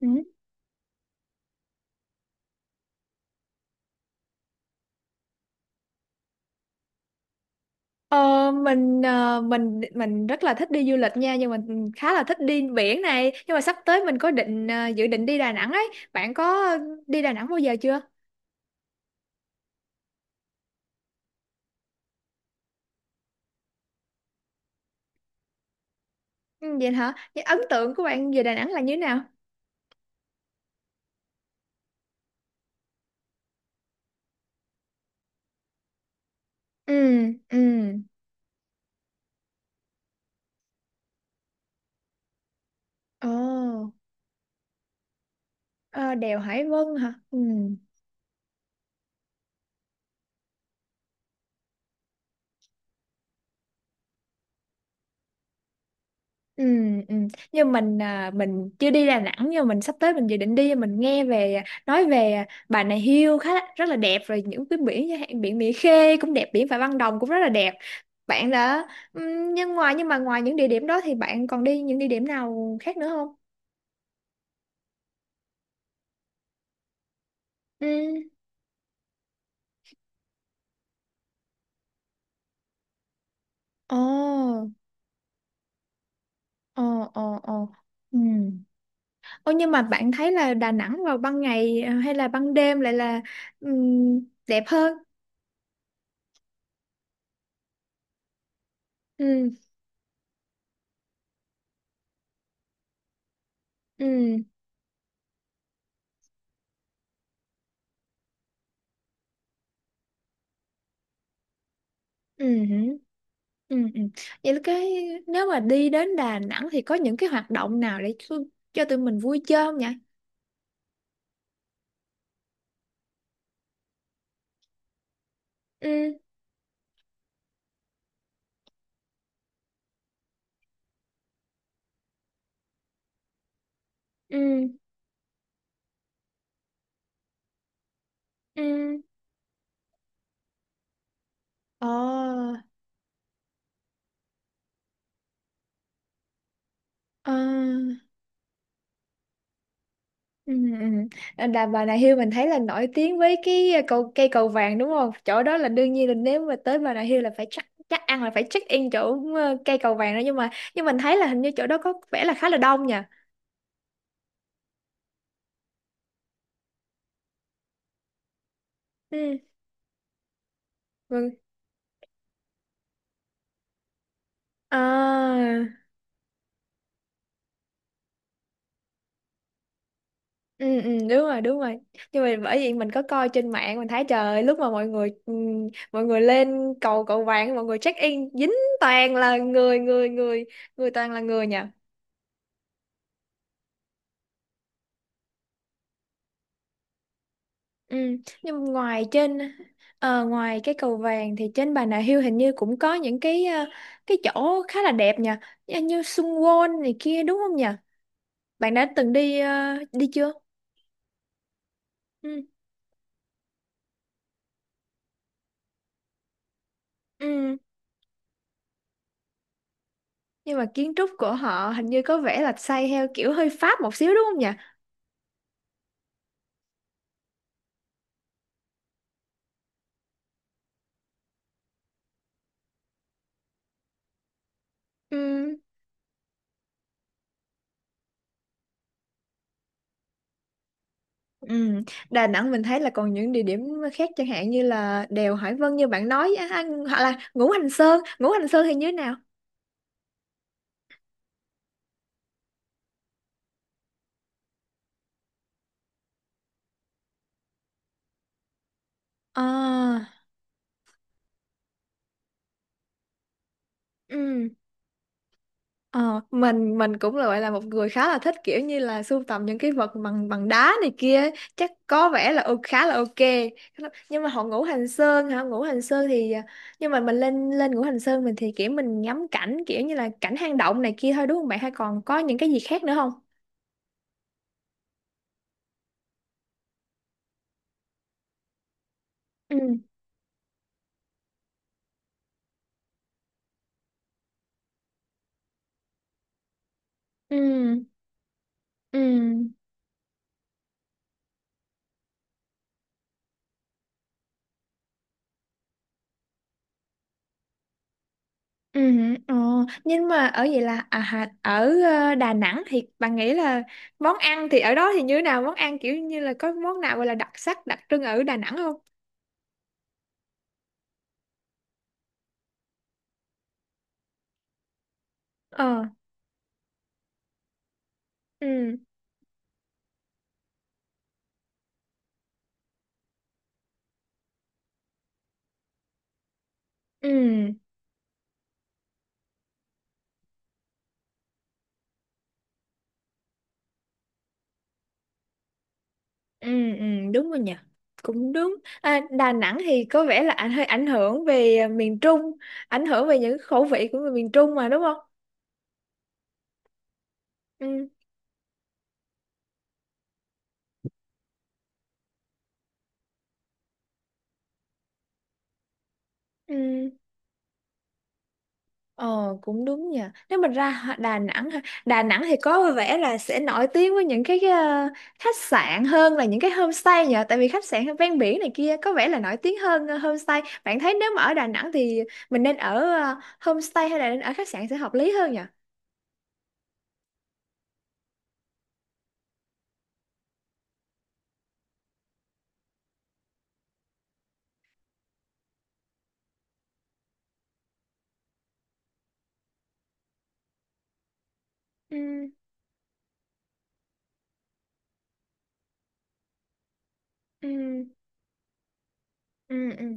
Ừ. Ờ, mình rất là thích đi du lịch nha, nhưng mà mình khá là thích đi biển này. Nhưng mà sắp tới mình có dự định đi Đà Nẵng ấy. Bạn có đi Đà Nẵng bao giờ chưa? Ừ, vậy hả? Những ấn tượng của bạn về Đà Nẵng là như thế nào? Ừ. Ừ. Ồ. ờ, Đèo Hải Vân hả? Ừ. Ừ, ừ. Nhưng mình chưa đi Đà Nẵng, nhưng mình sắp tới mình dự định đi. Mình nghe nói về Bà Nà Hills rất là đẹp rồi, những cái biển như biển Mỹ Khê cũng đẹp, biển Phạm Văn Đồng cũng rất là đẹp. bạn đã ừ, nhưng ngoài nhưng mà ngoài những địa điểm đó thì bạn còn đi những địa điểm nào khác nữa không? Ừ. Ồ, ồ, ồ, ồ. Ừ. Ồ, nhưng mà bạn thấy là Đà Nẵng vào ban ngày hay là ban đêm lại là ừ, đẹp hơn? Ừ, ừ, ừ. Ừ, ừ. Vậy là nếu mà đi đến Đà Nẵng thì có những cái hoạt động nào để cho tụi mình vui chơi không nhỉ? Ừ, ừ, ừ. Ồ, ờ, ừ, ừ. Ờ, Đà Bà Nà Hills mình thấy là nổi tiếng với cái cây cầu vàng đúng không? Chỗ đó là đương nhiên, là nếu mà tới Bà Nà Hills là phải chắc chắc ăn là phải check in chỗ cây cầu vàng đó. Nhưng mà mình thấy là hình như chỗ đó có vẻ là khá là đông nhỉ? Ừ. Vâng. À. Ừ, ừ, đúng rồi, đúng rồi. Nhưng mà bởi vì mình có coi trên mạng, mình thấy trời ơi, lúc mà mọi người, mọi người lên cầu cầu vàng, mọi người check in dính toàn là người người người người, toàn là người nhỉ. Ừ. Nhưng mà ngoài cái cầu vàng thì trên Bà Nà Hills hình như cũng có những cái cái chỗ khá là đẹp nhỉ, như như Sun Won này kia đúng không nhỉ? Bạn đã từng đi chưa? Ừ. Ừ. Nhưng mà kiến trúc của họ hình như có vẻ là xây theo kiểu hơi Pháp một xíu đúng không nhỉ? Ừ. Ừ. Đà Nẵng mình thấy là còn những địa điểm khác, chẳng hạn như là đèo Hải Vân như bạn nói á, á, hoặc là Ngũ Hành Sơn. Ngũ Hành Sơn thì như thế nào? À, ừ. Mình cũng là gọi là một người khá là thích kiểu như là sưu tầm những cái vật bằng bằng đá này kia ấy. Chắc có vẻ là khá là ok. Nhưng mà Ngũ Hành Sơn hả? Ngũ Hành Sơn thì nhưng mà mình lên lên Ngũ Hành Sơn, mình thì kiểu mình ngắm cảnh kiểu như là cảnh hang động này kia thôi đúng không bạn, hay còn có những cái gì khác nữa không? Ừ. Ừ. Ừ. Ừ, ờ. Nhưng mà ở vậy là à, hà- ở ờ, Đà Nẵng thì bạn nghĩ là món ăn thì ở đó thì như thế nào? Món ăn kiểu như là có món nào gọi là đặc sắc, đặc trưng ở Đà Nẵng không? Ờ, ừ, ừ, ừ, ừ, đúng rồi nhỉ. Cũng đúng. À, Đà Nẵng thì có vẻ là hơi ảnh hưởng về miền Trung, ảnh hưởng về những khẩu vị của người miền Trung mà đúng không? Ừ, ừ. Ờ, cũng đúng nha. Nếu mình ra Đà Nẵng ha, Đà Nẵng thì có vẻ là sẽ nổi tiếng với những cái khách sạn hơn là những cái homestay nhờ, tại vì khách sạn ven biển này kia có vẻ là nổi tiếng hơn homestay. Bạn thấy nếu mà ở Đà Nẵng thì mình nên ở homestay hay là nên ở khách sạn sẽ hợp lý hơn nhỉ? Ừ, ừ, ừ, ừ.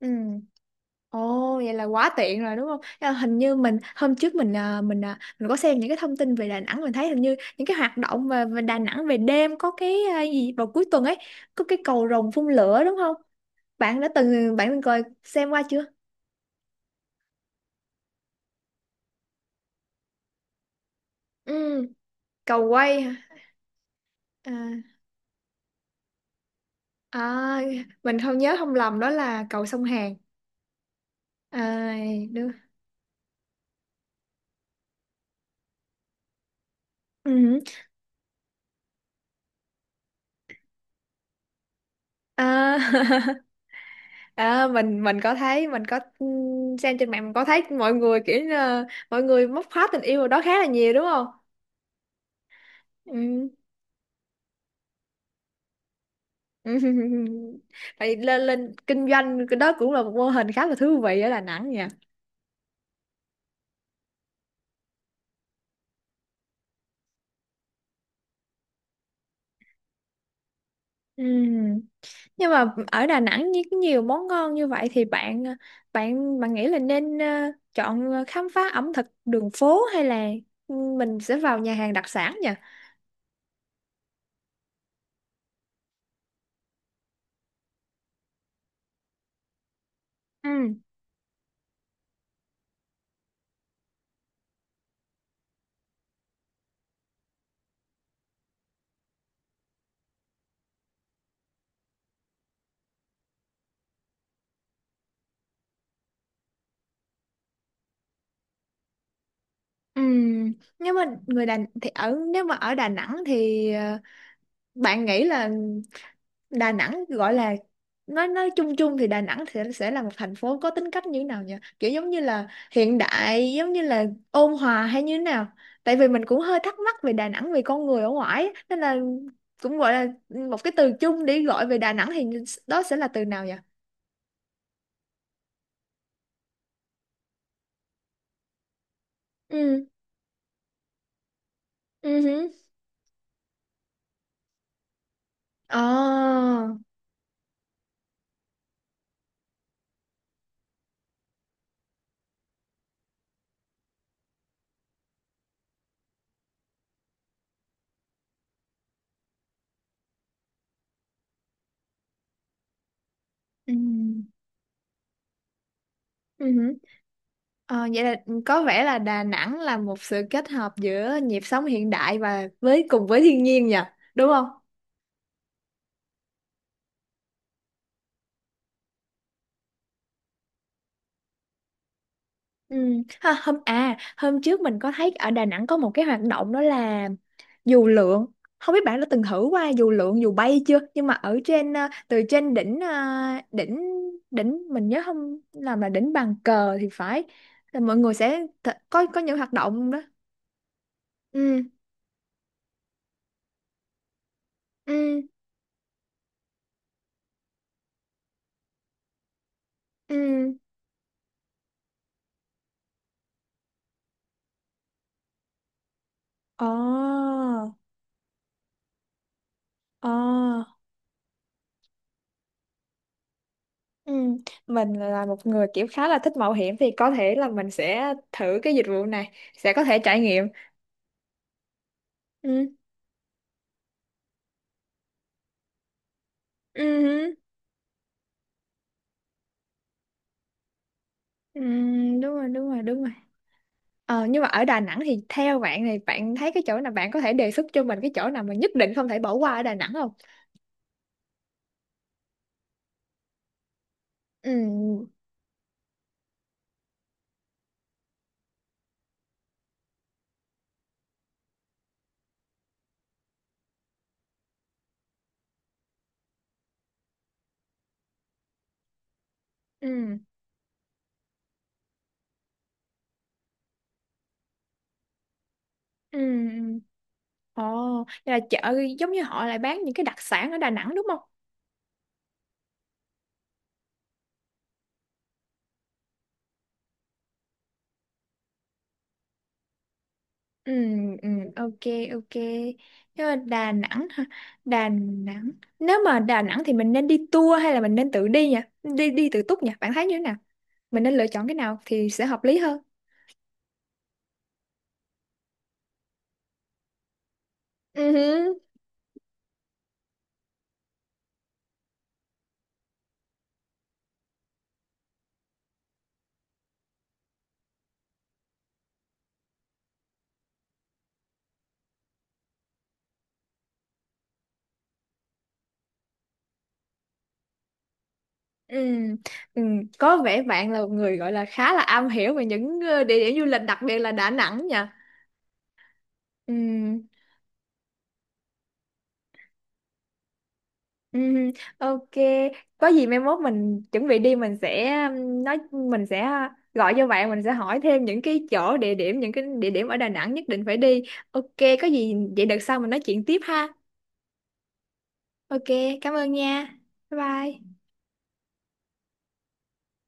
Ừ. Ồ, vậy là quá tiện rồi đúng không? À, hình như mình hôm trước mình có xem những cái thông tin về Đà Nẵng. Mình thấy hình như những cái hoạt động về Đà Nẵng về đêm có cái gì vào cuối tuần ấy, có cái cầu rồng phun lửa đúng không? Bạn từng xem qua chưa? Ừ, cầu quay hả? À, à, mình không nhớ không lầm đó là cầu sông Hàn. À, đúng. Ừ. À, À, mình có thấy mình có xem trên mạng, mình có thấy mọi người kiểu như là mọi người móc khóa tình yêu ở đó khá là nhiều đúng không? Ừ. Tại lên lên kinh doanh cái đó cũng là một mô hình khá là thú vị ở Đà Nẵng nha. Ừ. Nhưng mà ở Đà Nẵng như có nhiều món ngon như vậy thì bạn nghĩ là nên chọn khám phá ẩm thực đường phố hay là mình sẽ vào nhà hàng đặc sản nhỉ? Ừ. Ừ. Nếu mà ở Đà Nẵng thì bạn nghĩ là Đà Nẵng gọi là nói chung chung thì Đà Nẵng sẽ là một thành phố có tính cách như thế nào nhỉ? Kiểu giống như là hiện đại, giống như là ôn hòa hay như thế nào? Tại vì mình cũng hơi thắc mắc về Đà Nẵng, về con người ở ngoài ấy, nên là cũng gọi là một cái từ chung để gọi về Đà Nẵng thì đó sẽ là từ nào nhỉ? Ừ. Ừ. Hứ. Ờ. Ừ. Ừ. Hứ. Vậy là có vẻ là Đà Nẵng là một sự kết hợp giữa nhịp sống hiện đại và với cùng với thiên nhiên nhỉ? Đúng không? Ừ. Ha, hôm à hôm trước mình có thấy ở Đà Nẵng có một cái hoạt động đó là dù lượn. Không biết bạn đã từng thử qua dù lượn, dù bay chưa, nhưng mà ở từ trên đỉnh ờ, đỉnh đỉnh mình nhớ không làm là đỉnh bàn cờ thì phải, là mọi người sẽ có những hoạt động đó. Ừ. Ừ. Ừ. Ồ. Ồ. Ừ. Mình là một người kiểu khá là thích mạo hiểm thì có thể là mình sẽ thử cái dịch vụ này, sẽ có thể trải nghiệm. Ừ. Ừ. Ừ, đúng rồi, đúng rồi, đúng rồi. Nhưng mà ở Đà Nẵng thì theo bạn này, bạn thấy cái chỗ nào bạn có thể đề xuất cho mình, cái chỗ nào mà nhất định không thể bỏ qua ở Đà Nẵng không? Ừ. Ừ. Ừ. Ừ. Ồ, vậy là chợ giống như họ lại bán những cái đặc sản ở Đà Nẵng đúng không? Ừ. Ừ. Ok, ok. Nhưng mà Đà Nẵng hả? Đà Nẵng Nếu mà Đà Nẵng thì mình nên đi tour hay là mình nên tự đi nhỉ, đi đi tự túc nhỉ? Bạn thấy như thế nào, mình nên lựa chọn cái nào thì sẽ hợp lý hơn? Ừ. Ừ, ừ, có vẻ bạn là một người gọi là khá là am hiểu về những địa điểm du lịch, đặc biệt là Đà Nẵng nha. Ừ, ừ, ok. Có gì mai mốt mình chuẩn bị đi, mình sẽ gọi cho bạn, mình sẽ hỏi thêm những cái địa điểm ở Đà Nẵng nhất định phải đi. Ok, có gì vậy đợt sau mình nói chuyện tiếp ha. Ok, cảm ơn nha. Bye bye.